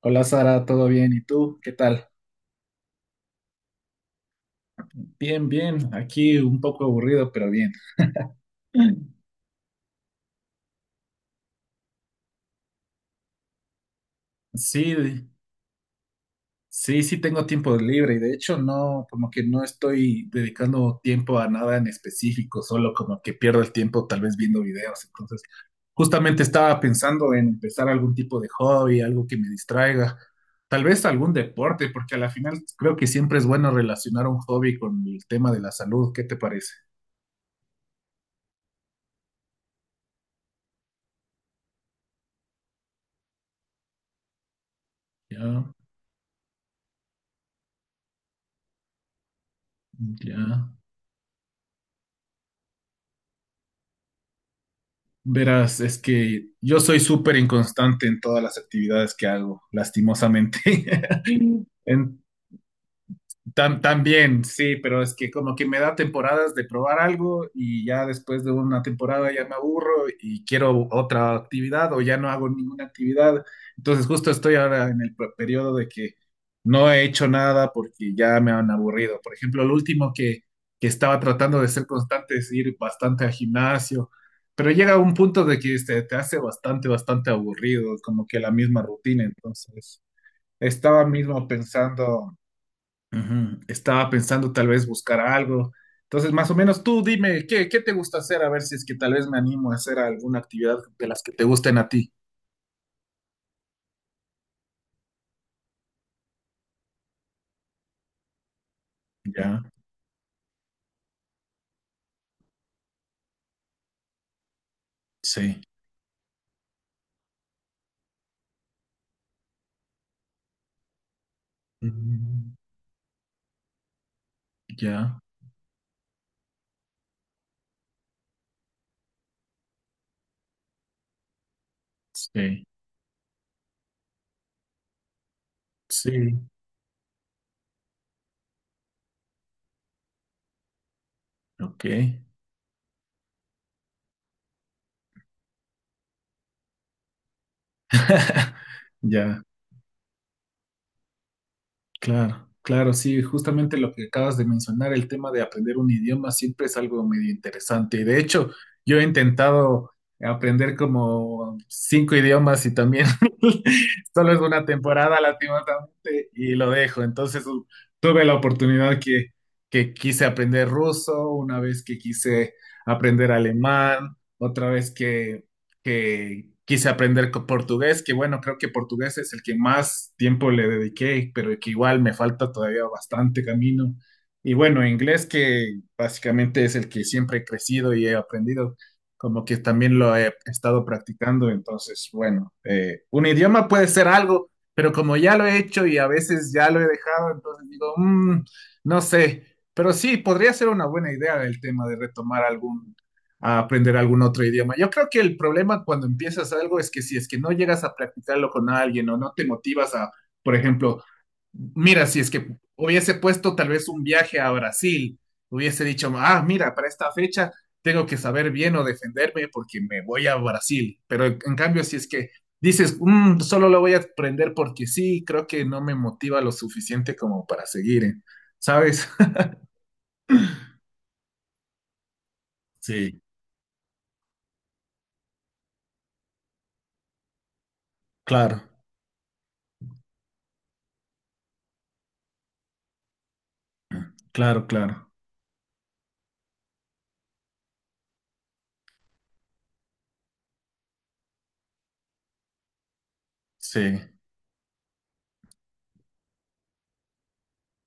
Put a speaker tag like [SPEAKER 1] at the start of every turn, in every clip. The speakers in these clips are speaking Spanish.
[SPEAKER 1] Hola Sara, ¿todo bien? ¿Y tú? ¿Qué tal? Bien, bien. Aquí un poco aburrido, pero bien. Sí, sí, sí tengo tiempo libre y de hecho no, como que no estoy dedicando tiempo a nada en específico, solo como que pierdo el tiempo tal vez viendo videos. Entonces, justamente estaba pensando en empezar algún tipo de hobby, algo que me distraiga, tal vez algún deporte, porque a la final creo que siempre es bueno relacionar un hobby con el tema de la salud. ¿Qué te parece? Ya, ya. Verás, es que yo soy súper inconstante en todas las actividades que hago, lastimosamente. En- también, sí, pero es que como que me da temporadas de probar algo y ya después de una temporada ya me aburro y quiero otra actividad o ya no hago ninguna actividad. Entonces justo estoy ahora en el periodo de que no he hecho nada porque ya me han aburrido. Por ejemplo, lo último que estaba tratando de ser constante es ir bastante al gimnasio, pero llega un punto de que te hace bastante, bastante aburrido, como que la misma rutina. Entonces estaba mismo pensando. Ujú. Estaba pensando tal vez buscar algo. Entonces, más o menos tú dime, ¿qué te gusta hacer? A ver si es que tal vez me animo a hacer alguna actividad de las que te gusten a ti. Ya, sí. Mm. Ya, sí. Sí, ok. Ya. Claro, claro, sí, justamente lo que acabas de mencionar, el tema de aprender un idioma siempre es algo medio interesante. Y de hecho, yo he intentado aprender como cinco idiomas y también. Solo es una temporada, lastimosamente, y lo dejo. Entonces, tuve la oportunidad que quise aprender ruso, una vez que quise aprender alemán, otra vez que quise aprender portugués, que bueno, creo que portugués es el que más tiempo le dediqué, pero que igual me falta todavía bastante camino. Y bueno, inglés que básicamente es el que siempre he crecido y he aprendido, como que también lo he estado practicando, entonces bueno, un idioma puede ser algo, pero como ya lo he hecho y a veces ya lo he dejado, entonces digo, "Mm, no sé, pero sí, podría ser una buena idea el tema de retomar algún a aprender algún otro idioma". Yo creo que el problema cuando empiezas algo es que si es que no llegas a practicarlo con alguien o no te motivas a, por ejemplo, mira, si es que hubiese puesto tal vez un viaje a Brasil, hubiese dicho, "Ah, mira, para esta fecha tengo que saber bien o defenderme porque me voy a Brasil". Pero en cambio, si es que dices, "Mm, solo lo voy a aprender porque sí, creo que no me motiva lo suficiente como para seguir, ¿eh? ¿sabes?" Sí, claro, claro, claro. Sí.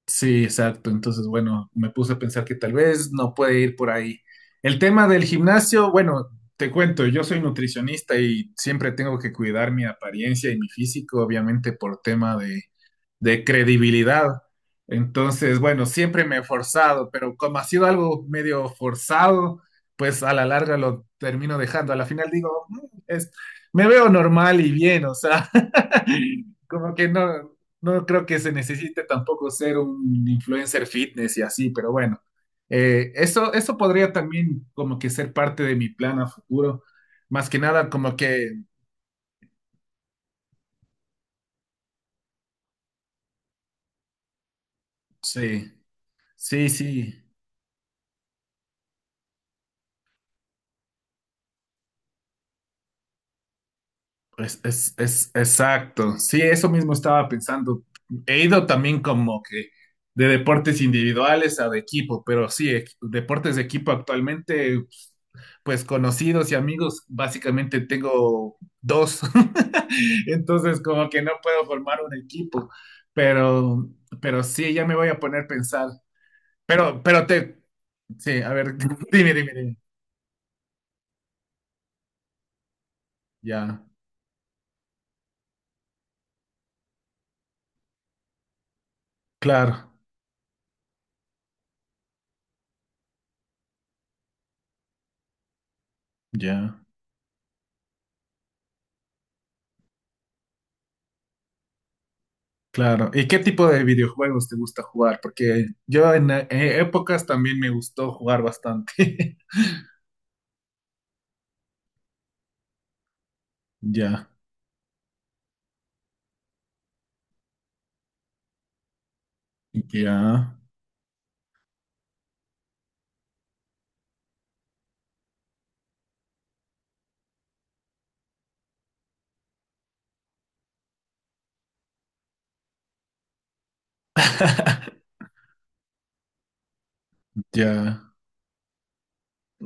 [SPEAKER 1] Sí, exacto. Entonces, bueno, me puse a pensar que tal vez no puede ir por ahí. El tema del gimnasio, bueno, te cuento, yo soy nutricionista y siempre tengo que cuidar mi apariencia y mi físico, obviamente por tema de credibilidad. Entonces, bueno, siempre me he forzado, pero como ha sido algo medio forzado, pues a la larga lo termino dejando. A la final digo, "Mm, es, me veo normal y bien, o sea, como que no, no creo que se necesite tampoco ser un influencer fitness y así", pero bueno, eso podría también como que ser parte de mi plan a futuro. Más que nada, como que sí, sí, sí. Es exacto. Sí, eso mismo estaba pensando. He ido también como que de deportes individuales a de equipo, pero sí, deportes de equipo actualmente, pues conocidos y amigos, básicamente tengo dos. Entonces, como que no puedo formar un equipo, pero, pero, sí, ya me voy a poner a pensar. Pero sí, a ver, dime, dime, dime. Ya, claro, ya. Claro. ¿Y qué tipo de videojuegos te gusta jugar? Porque yo en épocas también me gustó jugar bastante. Ya, ya, ya.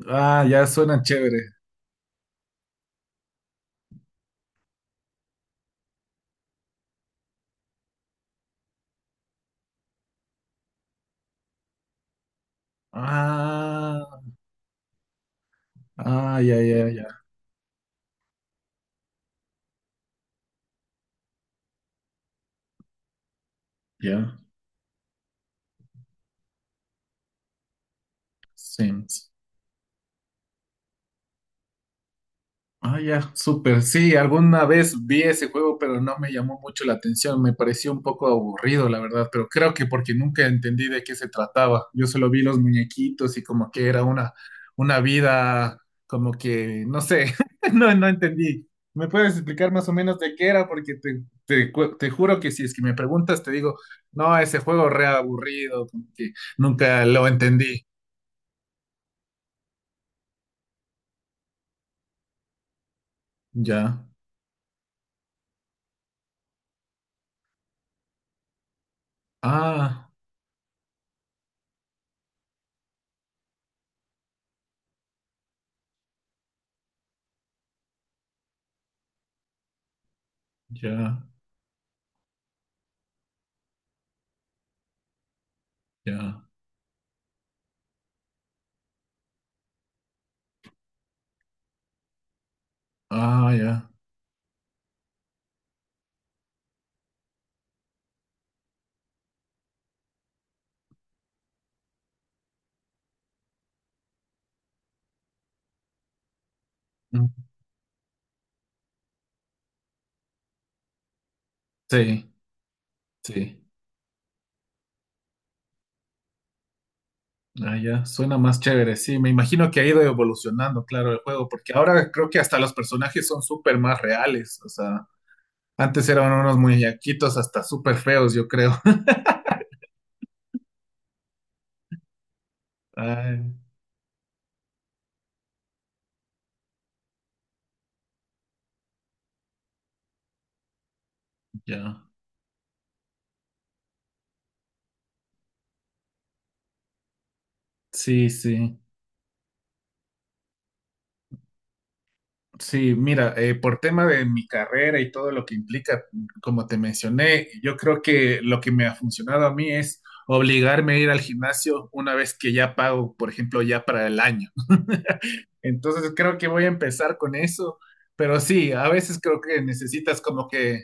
[SPEAKER 1] Ah, ya suena chévere. Ah, ah, ya, ya, ya, ya. Sims. Ah, ya, súper. Sí, alguna vez vi ese juego, pero no me llamó mucho la atención. Me pareció un poco aburrido, la verdad, pero creo que porque nunca entendí de qué se trataba. Yo solo vi los muñequitos y como que era una vida, como que, no sé, no, no entendí. ¿Me puedes explicar más o menos de qué era? Porque te juro que si es que me preguntas, te digo, no, ese juego re aburrido, como que nunca lo entendí. Ya. Ah, ya, ya. Ah, ya. Sí, sí. Ah, ya, suena más chévere. Sí, me imagino que ha ido evolucionando, claro, el juego, porque ahora creo que hasta los personajes son súper más reales. O sea, antes eran unos muñequitos hasta súper feos, yo creo. Ay, ya. Sí, sí. Sí, mira, por tema de mi carrera y todo lo que implica, como te mencioné, yo creo que lo que me ha funcionado a mí es obligarme a ir al gimnasio una vez que ya pago, por ejemplo, ya para el año. Entonces creo que voy a empezar con eso, pero sí, a veces creo que necesitas como que.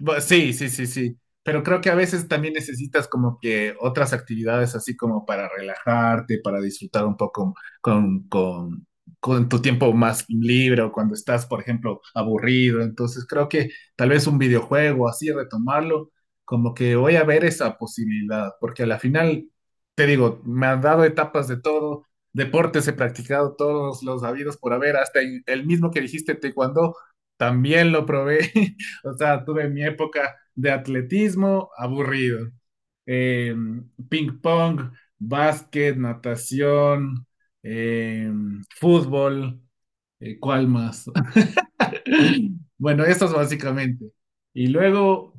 [SPEAKER 1] Sí, sí, sí, sí. Pero creo que a veces también necesitas como que otras actividades así como para relajarte, para disfrutar un poco con, con tu tiempo más libre o cuando estás, por ejemplo, aburrido. Entonces creo que tal vez un videojuego así, retomarlo, como que voy a ver esa posibilidad, porque a la final, te digo, me han dado etapas de todo, deportes he practicado todos los habidos por haber, hasta el mismo que dijiste, taekwondo, también lo probé. O sea, tuve mi época de atletismo aburrido. Eh, ping pong, básquet, natación, eh, fútbol, ¿cuál más? Bueno, estos básicamente. Y luego,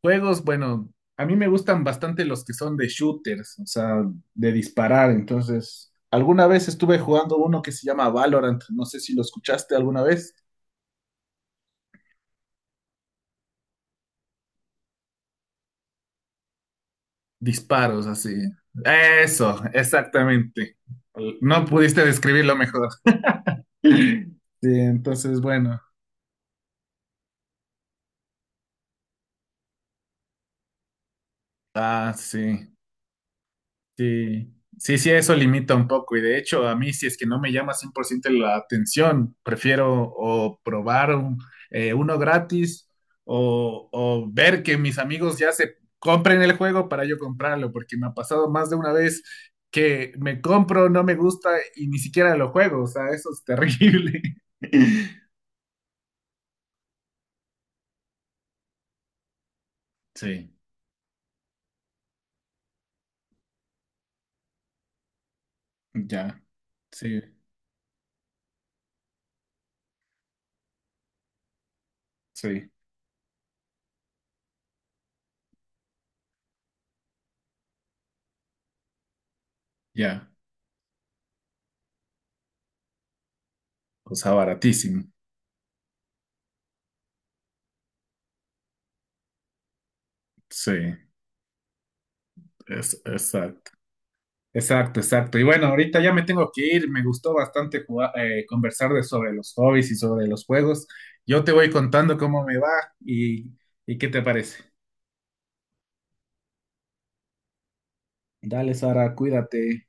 [SPEAKER 1] juegos, bueno, a mí me gustan bastante los que son de shooters, o sea, de disparar. Entonces, alguna vez estuve jugando uno que se llama Valorant, no sé si lo escuchaste alguna vez. Disparos así. Eso, exactamente. No pudiste describirlo mejor. Sí, entonces, bueno. Ah, sí. Sí, sí, sí, eso limita un poco. Y de hecho, a mí, si es que no me llama 100% la atención, prefiero o probar uno gratis o ver que mis amigos ya se compren el juego para yo comprarlo, porque me ha pasado más de una vez que me compro, no me gusta y ni siquiera lo juego. O sea, eso es terrible. Sí, ya, sí, sí, ya. O sea, baratísimo. Sí, exacto. Exacto, exacto. Y bueno, ahorita ya me tengo que ir. Me gustó bastante conversar de sobre los hobbies y sobre los juegos. Yo te voy contando cómo me va y, y qué te parece. Dale, Sara, cuídate.